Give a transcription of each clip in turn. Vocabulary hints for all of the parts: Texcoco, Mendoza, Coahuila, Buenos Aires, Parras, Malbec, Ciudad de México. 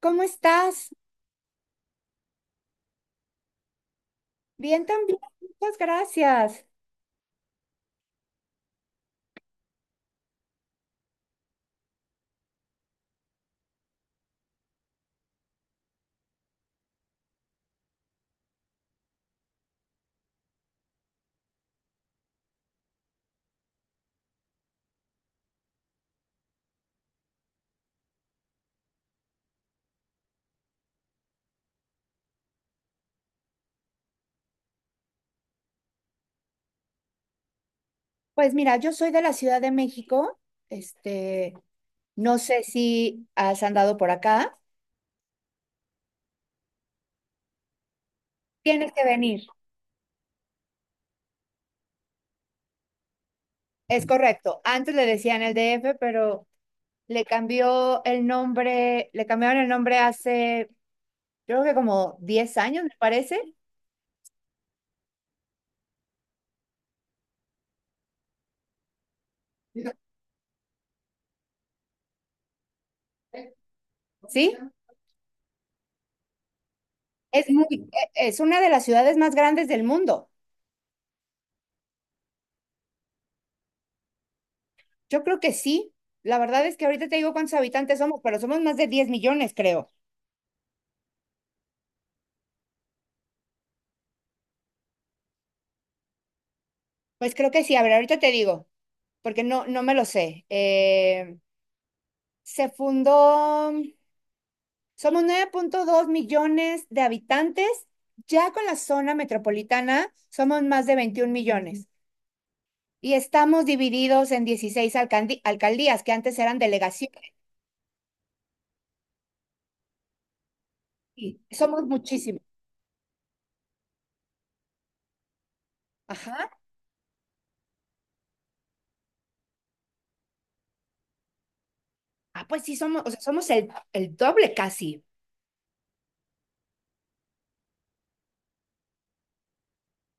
¿Cómo estás? Bien también, muchas gracias. Pues mira, yo soy de la Ciudad de México. Este, no sé si has andado por acá. Tienes que venir. Es correcto. Antes le decían el DF, pero le cambió el nombre, le cambiaron el nombre hace, yo creo que como 10 años, me parece. ¿Sí? Es muy, es una de las ciudades más grandes del mundo. Yo creo que sí. La verdad es que ahorita te digo cuántos habitantes somos, pero somos más de 10 millones, creo. Pues creo que sí, a ver, ahorita te digo, porque no me lo sé. Se fundó, somos 9,2 millones de habitantes, ya con la zona metropolitana somos más de 21 millones y estamos divididos en 16 alcaldías que antes eran delegaciones. Y somos muchísimos. Ajá. Ah, pues sí, somos, o sea, somos el doble casi.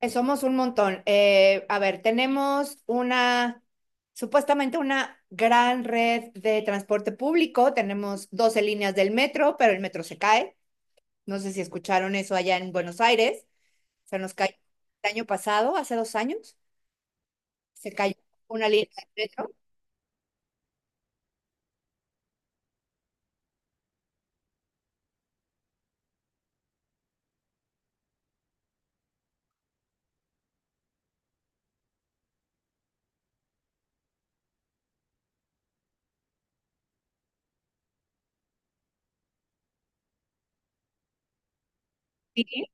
Somos un montón. A ver, supuestamente una gran red de transporte público. Tenemos 12 líneas del metro, pero el metro se cae. No sé si escucharon eso allá en Buenos Aires. Se nos cayó el año pasado, hace 2 años, se cayó una línea del metro. Sí.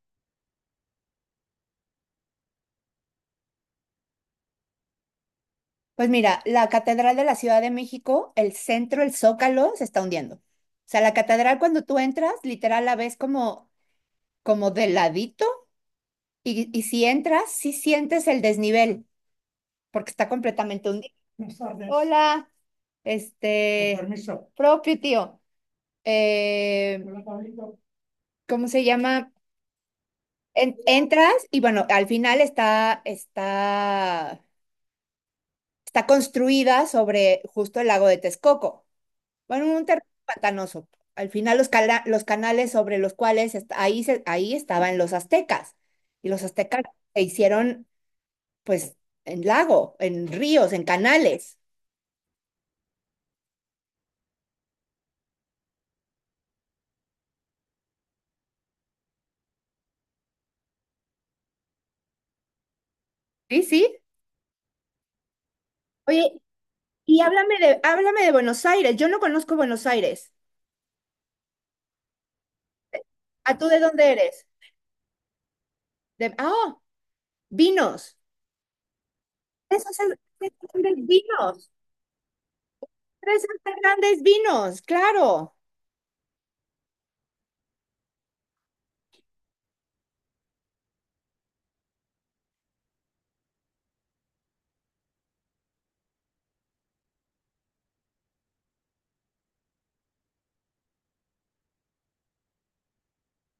Pues mira, la Catedral de la Ciudad de México, el centro, el Zócalo, se está hundiendo. O sea, la catedral cuando tú entras, literal la ves como de ladito. Y si entras, sí sientes el desnivel, porque está completamente hundido. Hola, con propio tío. eh, ¿Cómo se llama? Entras y bueno, al final está construida sobre justo el lago de Texcoco. Bueno, un terreno pantanoso. Al final los canales sobre los cuales ahí estaban los aztecas. Y los aztecas se hicieron pues en lago, en ríos, en canales. Sí, sí. Oye, y háblame de Buenos Aires. Yo no conozco Buenos Aires. ¿A tú de dónde eres? De, ah, vinos. Tres grandes vinos. Tres grandes vinos, claro.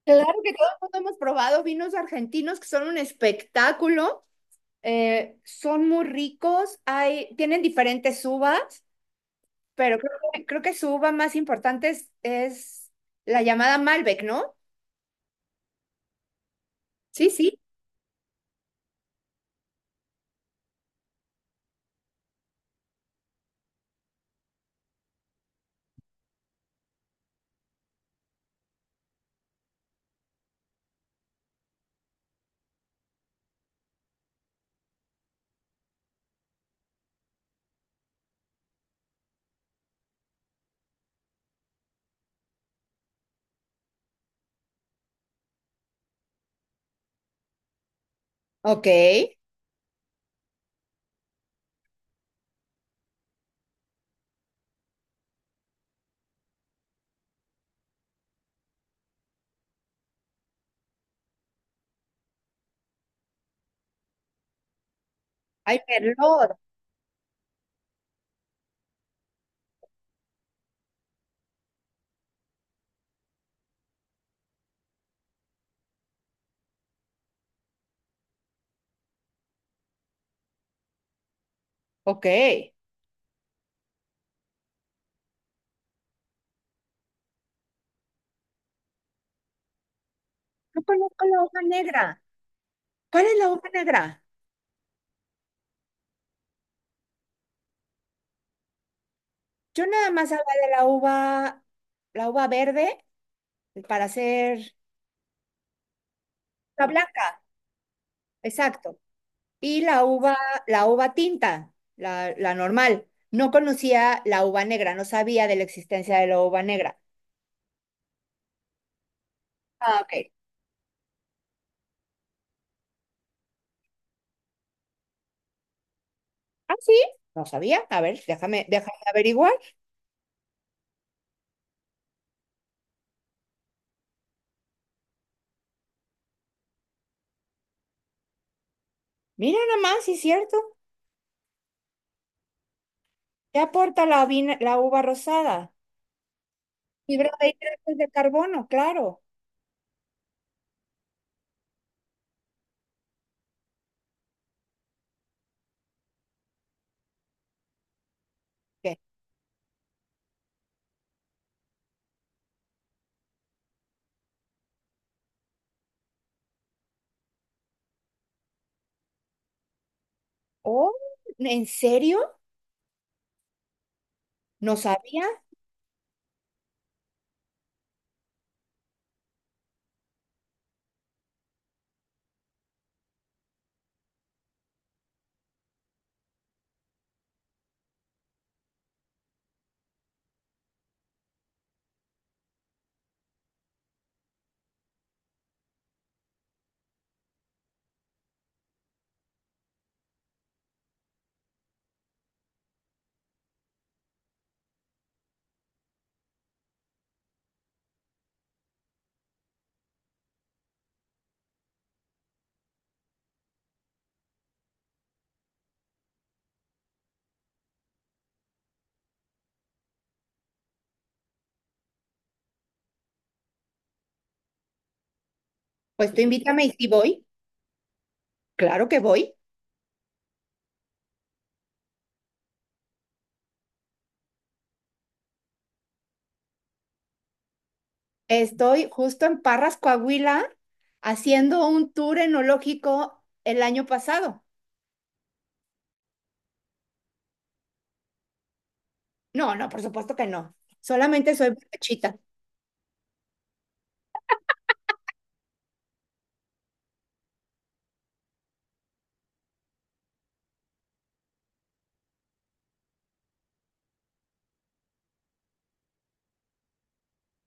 Claro que todo el mundo hemos probado vinos argentinos que son un espectáculo. Son muy ricos. Hay, tienen diferentes uvas, pero creo que su uva más importante es la llamada Malbec, ¿no? Sí, sí. Ok. Ay, merlot. Ok. No conozco la uva negra. ¿Cuál es la uva negra? Yo nada más hablaba de la uva verde para hacer la blanca, exacto. Y la uva tinta, la normal. No conocía la uva negra, no sabía de la existencia de la uva negra. Ah, ok. Ah, sí, no sabía. A ver, déjame averiguar. Mira nada más, sí es cierto. ¿Qué aporta la, la uva rosada? Fibra de hidratos de carbono, claro. ¿Qué? Oh, ¿en serio? No sabía. Pues tú invítame y si voy, claro que voy. Estoy justo en Parras, Coahuila, haciendo un tour enológico el año pasado. No, no, por supuesto que no. Solamente soy borrachita.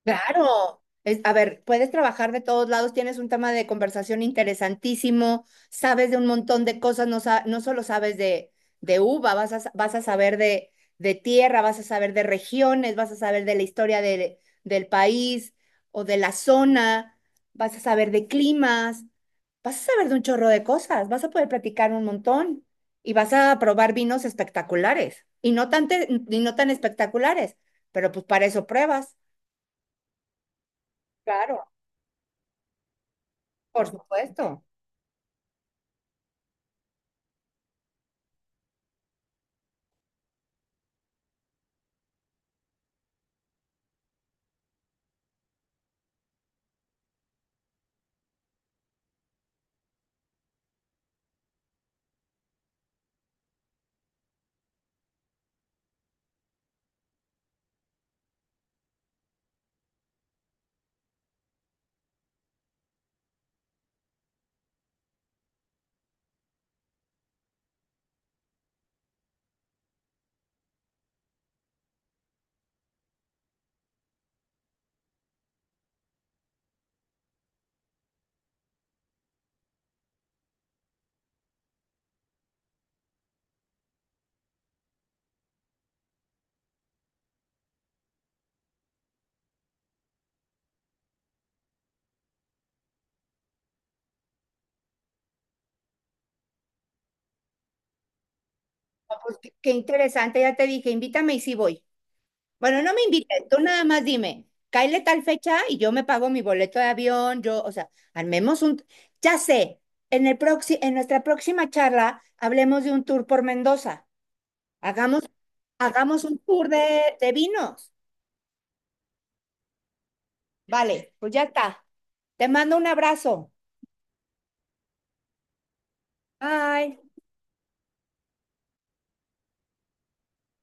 Claro, a ver, puedes trabajar de todos lados, tienes un tema de conversación interesantísimo, sabes de un montón de cosas, no, no solo sabes de uva, vas a saber de tierra, vas a saber de regiones, vas a saber de la historia del país o de la zona, vas a saber de climas, vas a saber de un chorro de cosas, vas a poder platicar un montón y vas a probar vinos espectaculares y no y no tan espectaculares, pero pues para eso pruebas. Claro. Por supuesto. Ah, pues, qué interesante, ya te dije, invítame y sí voy. Bueno, no me invites, tú nada más dime, cáele tal fecha y yo me pago mi boleto de avión, yo, o sea, armemos un... Ya sé, en el en nuestra próxima charla hablemos de un tour por Mendoza. Hagamos, hagamos un tour de vinos. Vale, pues ya está. Te mando un abrazo. Bye.